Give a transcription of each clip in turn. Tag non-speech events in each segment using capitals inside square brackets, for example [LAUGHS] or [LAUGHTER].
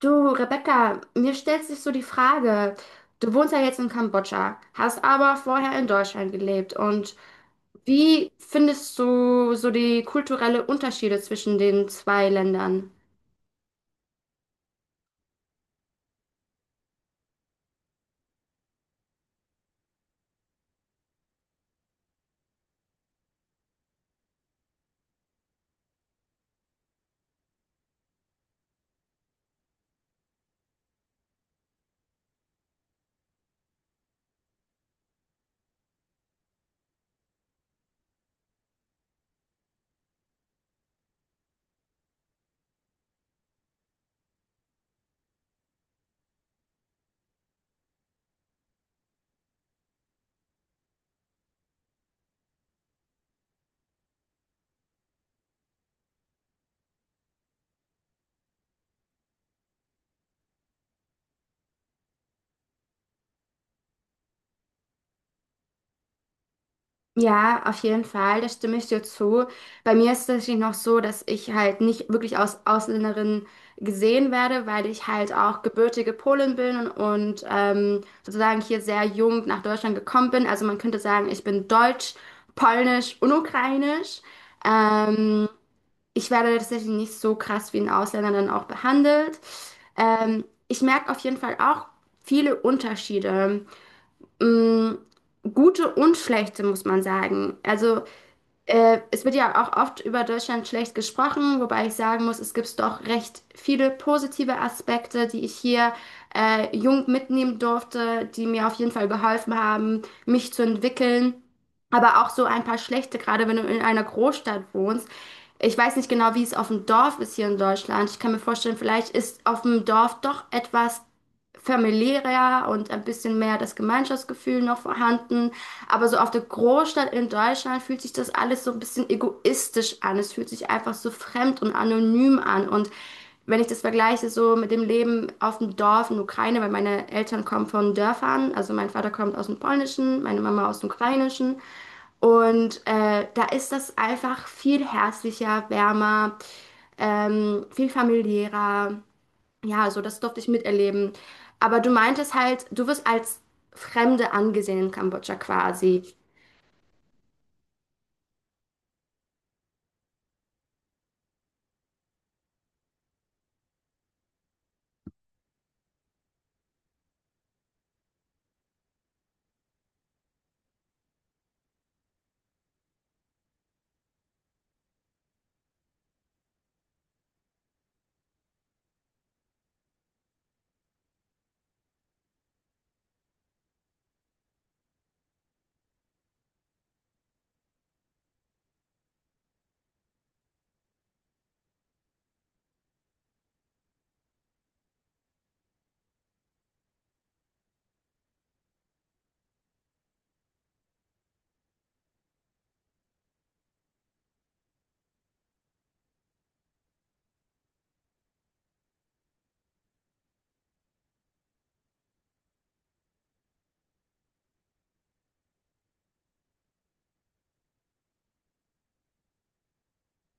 Du, Rebecca, mir stellt sich so die Frage, du wohnst ja jetzt in Kambodscha, hast aber vorher in Deutschland gelebt und wie findest du so die kulturellen Unterschiede zwischen den zwei Ländern? Ja, auf jeden Fall, da stimme ich dir zu. Bei mir ist es tatsächlich noch so, dass ich halt nicht wirklich als Ausländerin gesehen werde, weil ich halt auch gebürtige Polin bin und sozusagen hier sehr jung nach Deutschland gekommen bin. Also man könnte sagen, ich bin deutsch, polnisch und ukrainisch. Ähm, ich werde tatsächlich nicht so krass wie ein Ausländer dann auch behandelt. Ähm, ich merke auf jeden Fall auch viele Unterschiede mh, gute und schlechte, muss man sagen. Also es wird ja auch oft über Deutschland schlecht gesprochen, wobei ich sagen muss, es gibt doch recht viele positive Aspekte, die ich hier jung mitnehmen durfte, die mir auf jeden Fall geholfen haben, mich zu entwickeln. Aber auch so ein paar schlechte, gerade wenn du in einer Großstadt wohnst. Ich weiß nicht genau, wie es auf dem Dorf ist hier in Deutschland. Ich kann mir vorstellen, vielleicht ist auf dem Dorf doch etwas familiärer und ein bisschen mehr das Gemeinschaftsgefühl noch vorhanden. Aber so auf der Großstadt in Deutschland fühlt sich das alles so ein bisschen egoistisch an. Es fühlt sich einfach so fremd und anonym an. Und wenn ich das vergleiche so mit dem Leben auf dem Dorf in Ukraine, weil meine Eltern kommen von Dörfern, also mein Vater kommt aus dem Polnischen, meine Mama aus dem Ukrainischen. Und da ist das einfach viel herzlicher, wärmer, viel familiärer. Ja, also das durfte ich miterleben. Aber du meintest halt, du wirst als Fremde angesehen in Kambodscha quasi.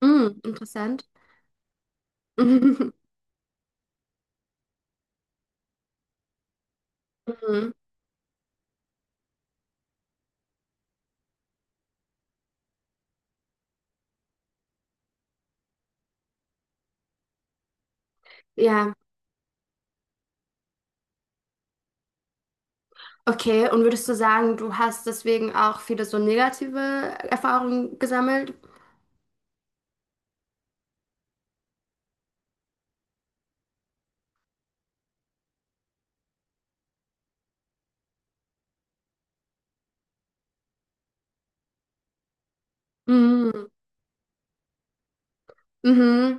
Hm, interessant. [LAUGHS] Mhm. Ja, okay. Und würdest du sagen, du hast deswegen auch viele so negative Erfahrungen gesammelt? Mhm. Mhm.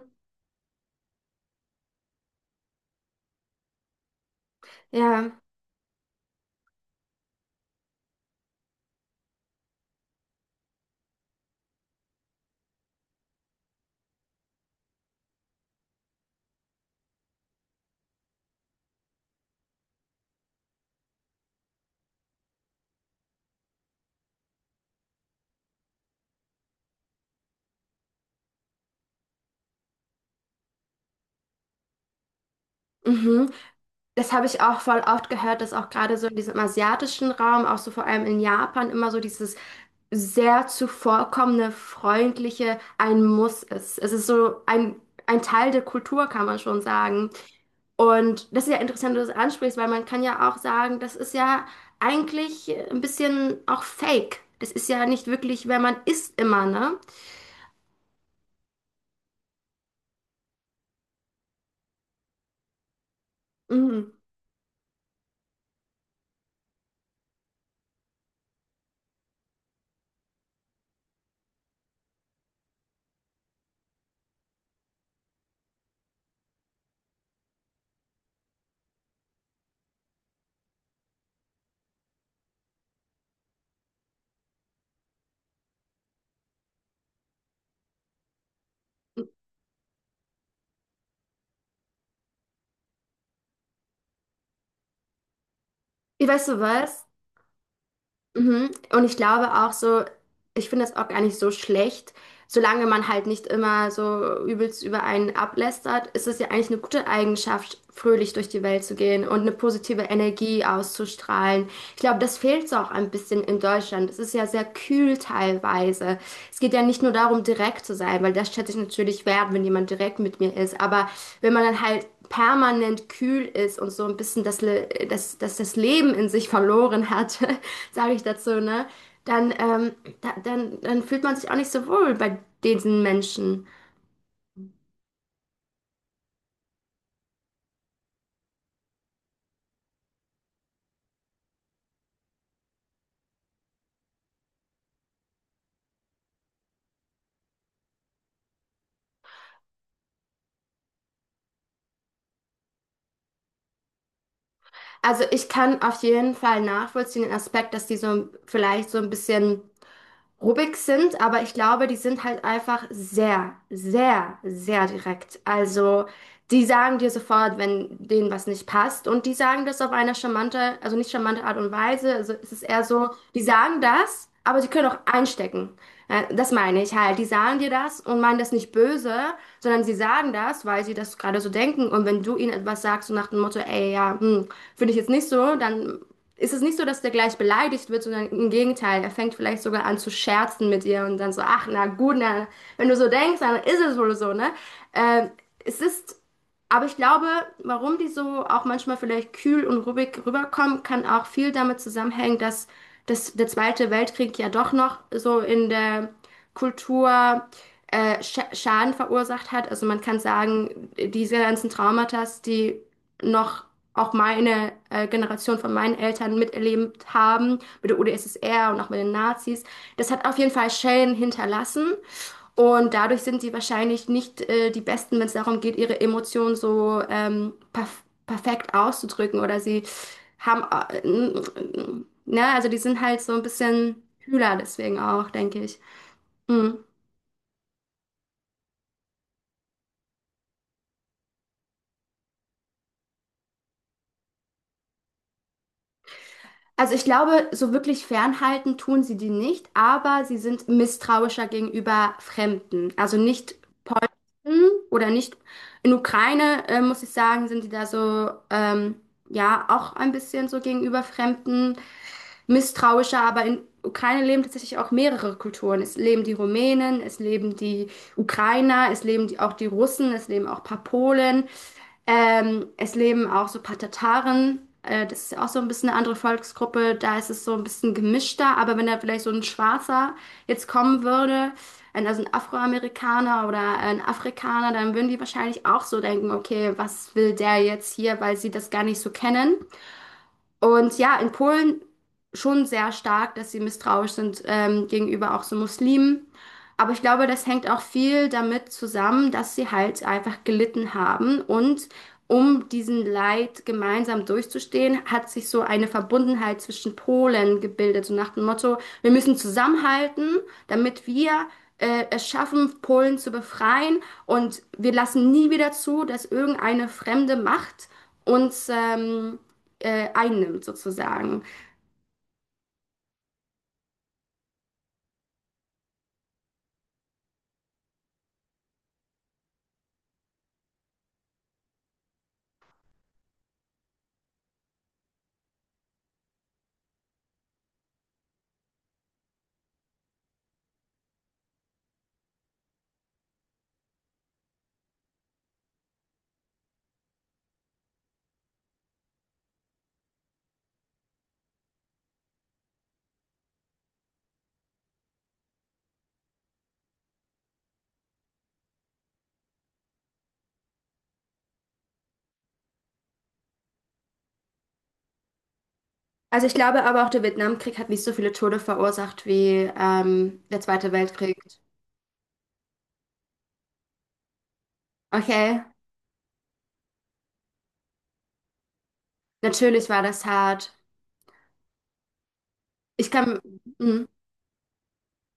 Ja. Mhm. Das habe ich auch voll oft gehört, dass auch gerade so in diesem asiatischen Raum, auch so vor allem in Japan, immer so dieses sehr zuvorkommende, freundliche ein Muss ist. Es ist so ein Teil der Kultur, kann man schon sagen. Und das ist ja interessant, dass du das ansprichst, weil man kann ja auch sagen, das ist ja eigentlich ein bisschen auch fake. Das ist ja nicht wirklich, wer man ist immer, ne? Mhm. Weißt du was? Mhm. Und ich glaube auch so, ich finde das auch gar nicht so schlecht solange man halt nicht immer so übelst über einen ablästert, ist es ja eigentlich eine gute Eigenschaft, fröhlich durch die Welt zu gehen und eine positive Energie auszustrahlen. Ich glaube, das fehlt so auch ein bisschen in Deutschland. Es ist ja sehr kühl teilweise. Es geht ja nicht nur darum, direkt zu sein, weil das schätze ich natürlich wert, wenn jemand direkt mit mir ist. Aber wenn man dann halt permanent kühl ist und so ein bisschen das, Le- das, das, das Leben in sich verloren hat, [LAUGHS] sage ich dazu, ne? dann, ähm, dann fühlt man sich auch nicht so wohl bei diesen Menschen. Also ich kann auf jeden Fall nachvollziehen den Aspekt, dass die so vielleicht so ein bisschen Rubiks sind, aber ich glaube, die sind halt einfach sehr, sehr, sehr direkt. Also die sagen dir sofort, wenn denen was nicht passt und die sagen das auf eine charmante, also nicht charmante Art und Weise. Also es ist eher so, die sagen das, aber sie können auch einstecken. Das meine ich halt. Die sagen dir das und meinen das nicht böse, sondern sie sagen das, weil sie das gerade so denken. Und wenn du ihnen etwas sagst, so nach dem Motto, ey, ja, hm, finde ich jetzt nicht so, dann ist es nicht so, dass der gleich beleidigt wird, sondern im Gegenteil, er fängt vielleicht sogar an zu scherzen mit ihr und dann so, ach na gut, na, wenn du so denkst, dann ist es wohl so, ne? Ähm, es ist, aber ich glaube, warum die so auch manchmal vielleicht kühl und ruhig rüberkommen, kann auch viel damit zusammenhängen, dass, dass der Zweite Weltkrieg ja doch noch so in der Kultur Schaden verursacht hat. Also man kann sagen, diese ganzen Traumata, die noch auch meine Generation von meinen Eltern miterlebt haben, mit der UdSSR und auch mit den Nazis, das hat auf jeden Fall Schäden hinterlassen. Und dadurch sind sie wahrscheinlich nicht die Besten, wenn es darum geht, ihre Emotionen so perfekt auszudrücken. Oder sie haben, ne, also die sind halt so ein bisschen kühler deswegen auch, denke ich. Mm. Also ich glaube, so wirklich fernhalten tun sie die nicht, aber sie sind misstrauischer gegenüber Fremden. Also nicht Polen oder nicht in Ukraine, muss ich sagen, sind die da so, ja, auch ein bisschen so gegenüber Fremden misstrauischer, aber in Ukraine leben tatsächlich auch mehrere Kulturen. Es leben die Rumänen, es leben die Ukrainer, es leben die, auch die Russen, es leben auch ein paar Polen. Es leben auch so ein paar Tataren. Das ist ja auch so ein bisschen eine andere Volksgruppe. Da ist es so ein bisschen gemischter. Aber wenn da vielleicht so ein Schwarzer jetzt kommen würde, also ein Afroamerikaner oder ein Afrikaner, dann würden die wahrscheinlich auch so denken, okay, was will der jetzt hier, weil sie das gar nicht so kennen. Und ja, in Polen schon sehr stark, dass sie misstrauisch sind gegenüber auch so Muslimen. Aber ich glaube, das hängt auch viel damit zusammen, dass sie halt einfach gelitten haben. Und um diesen Leid gemeinsam durchzustehen, hat sich so eine Verbundenheit zwischen Polen gebildet. So nach dem Motto, wir müssen zusammenhalten, damit wir es schaffen, Polen zu befreien. Und wir lassen nie wieder zu, dass irgendeine fremde Macht uns einnimmt, sozusagen. Also ich glaube aber auch, der Vietnamkrieg hat nicht so viele Tote verursacht wie der Zweite Weltkrieg. Okay, natürlich war das hart. Ich kann. Mhm.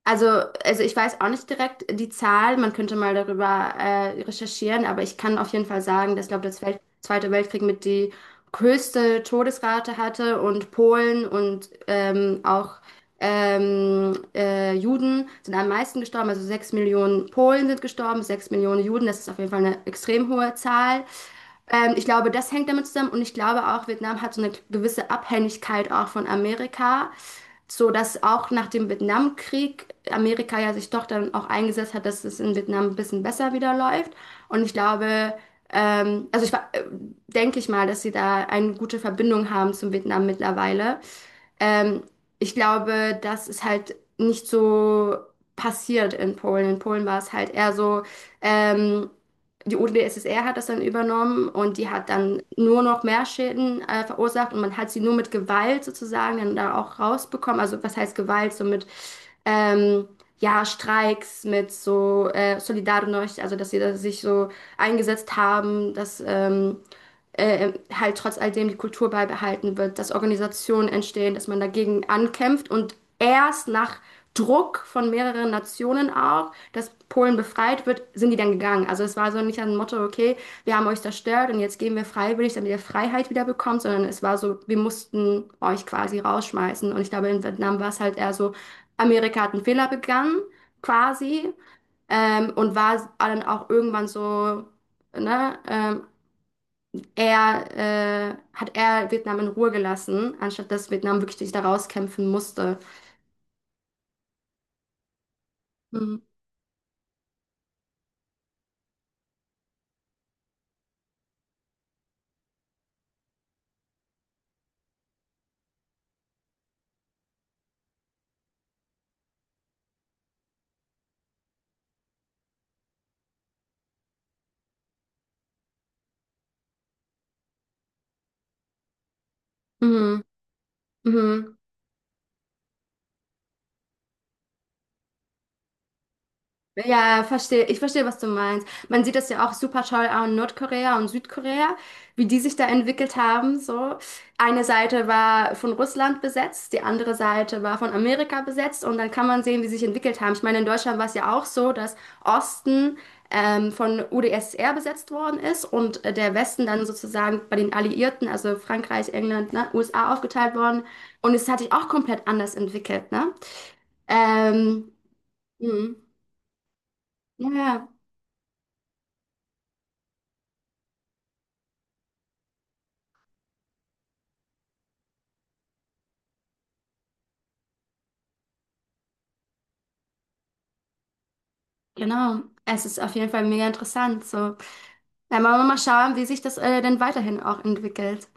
Also, also ich weiß auch nicht direkt die Zahl, man könnte mal darüber recherchieren, aber ich kann auf jeden Fall sagen, dass, glaube ich, der Welt Zweite Weltkrieg mit die höchste Todesrate hatte und Polen und auch Juden sind am meisten gestorben, also 6 Millionen Polen sind gestorben, 6 Millionen Juden, das ist auf jeden Fall eine extrem hohe Zahl. Ich glaube, das hängt damit zusammen und ich glaube auch, Vietnam hat so eine gewisse Abhängigkeit auch von Amerika, so dass auch nach dem Vietnamkrieg Amerika ja sich doch dann auch eingesetzt hat, dass es in Vietnam ein bisschen besser wieder läuft. Und ich glaube, ähm, also ich wa- äh, denke ich mal, dass sie da eine gute Verbindung haben zum Vietnam mittlerweile. Ähm, ich glaube, das ist halt nicht so passiert in Polen. In Polen war es halt eher so, ähm, die UdSSR hat das dann übernommen und die hat dann nur noch mehr Schäden verursacht und man hat sie nur mit Gewalt sozusagen dann da auch rausbekommen. Also was heißt Gewalt? So mit ähm, ja, Streiks, mit so Solidarność, also dass sie da sich so eingesetzt haben, dass halt trotz alledem die Kultur beibehalten wird, dass Organisationen entstehen, dass man dagegen ankämpft und erst nach Druck von mehreren Nationen auch, dass Polen befreit wird, sind die dann gegangen. Also es war so nicht ein Motto, okay, wir haben euch zerstört und jetzt gehen wir freiwillig, damit ihr Freiheit wieder bekommt, sondern es war so, wir mussten euch quasi rausschmeißen. Und ich glaube, in Vietnam war es halt eher so, Amerika hat einen Fehler begangen, quasi, und war dann auch irgendwann so, ne, hat er Vietnam in Ruhe gelassen, anstatt dass Vietnam wirklich sich da rauskämpfen musste. Mhm. Mhm. Mhm. Ja, verstehe. Ich verstehe, was du meinst. Man sieht das ja auch super toll an Nordkorea und Südkorea, wie die sich da entwickelt haben. So, eine Seite war von Russland besetzt, die andere Seite war von Amerika besetzt und dann kann man sehen, wie sie sich entwickelt haben. Ich meine, in Deutschland war es ja auch so, dass Osten von UdSSR besetzt worden ist und der Westen dann sozusagen bei den Alliierten, also Frankreich, England, ne, USA aufgeteilt worden. Und es hat sich auch komplett anders entwickelt, ne? Ähm, mh. Ja, ja. Genau, es ist auf jeden Fall mega interessant. So, dann wollen wir mal schauen, wie sich das denn weiterhin auch entwickelt.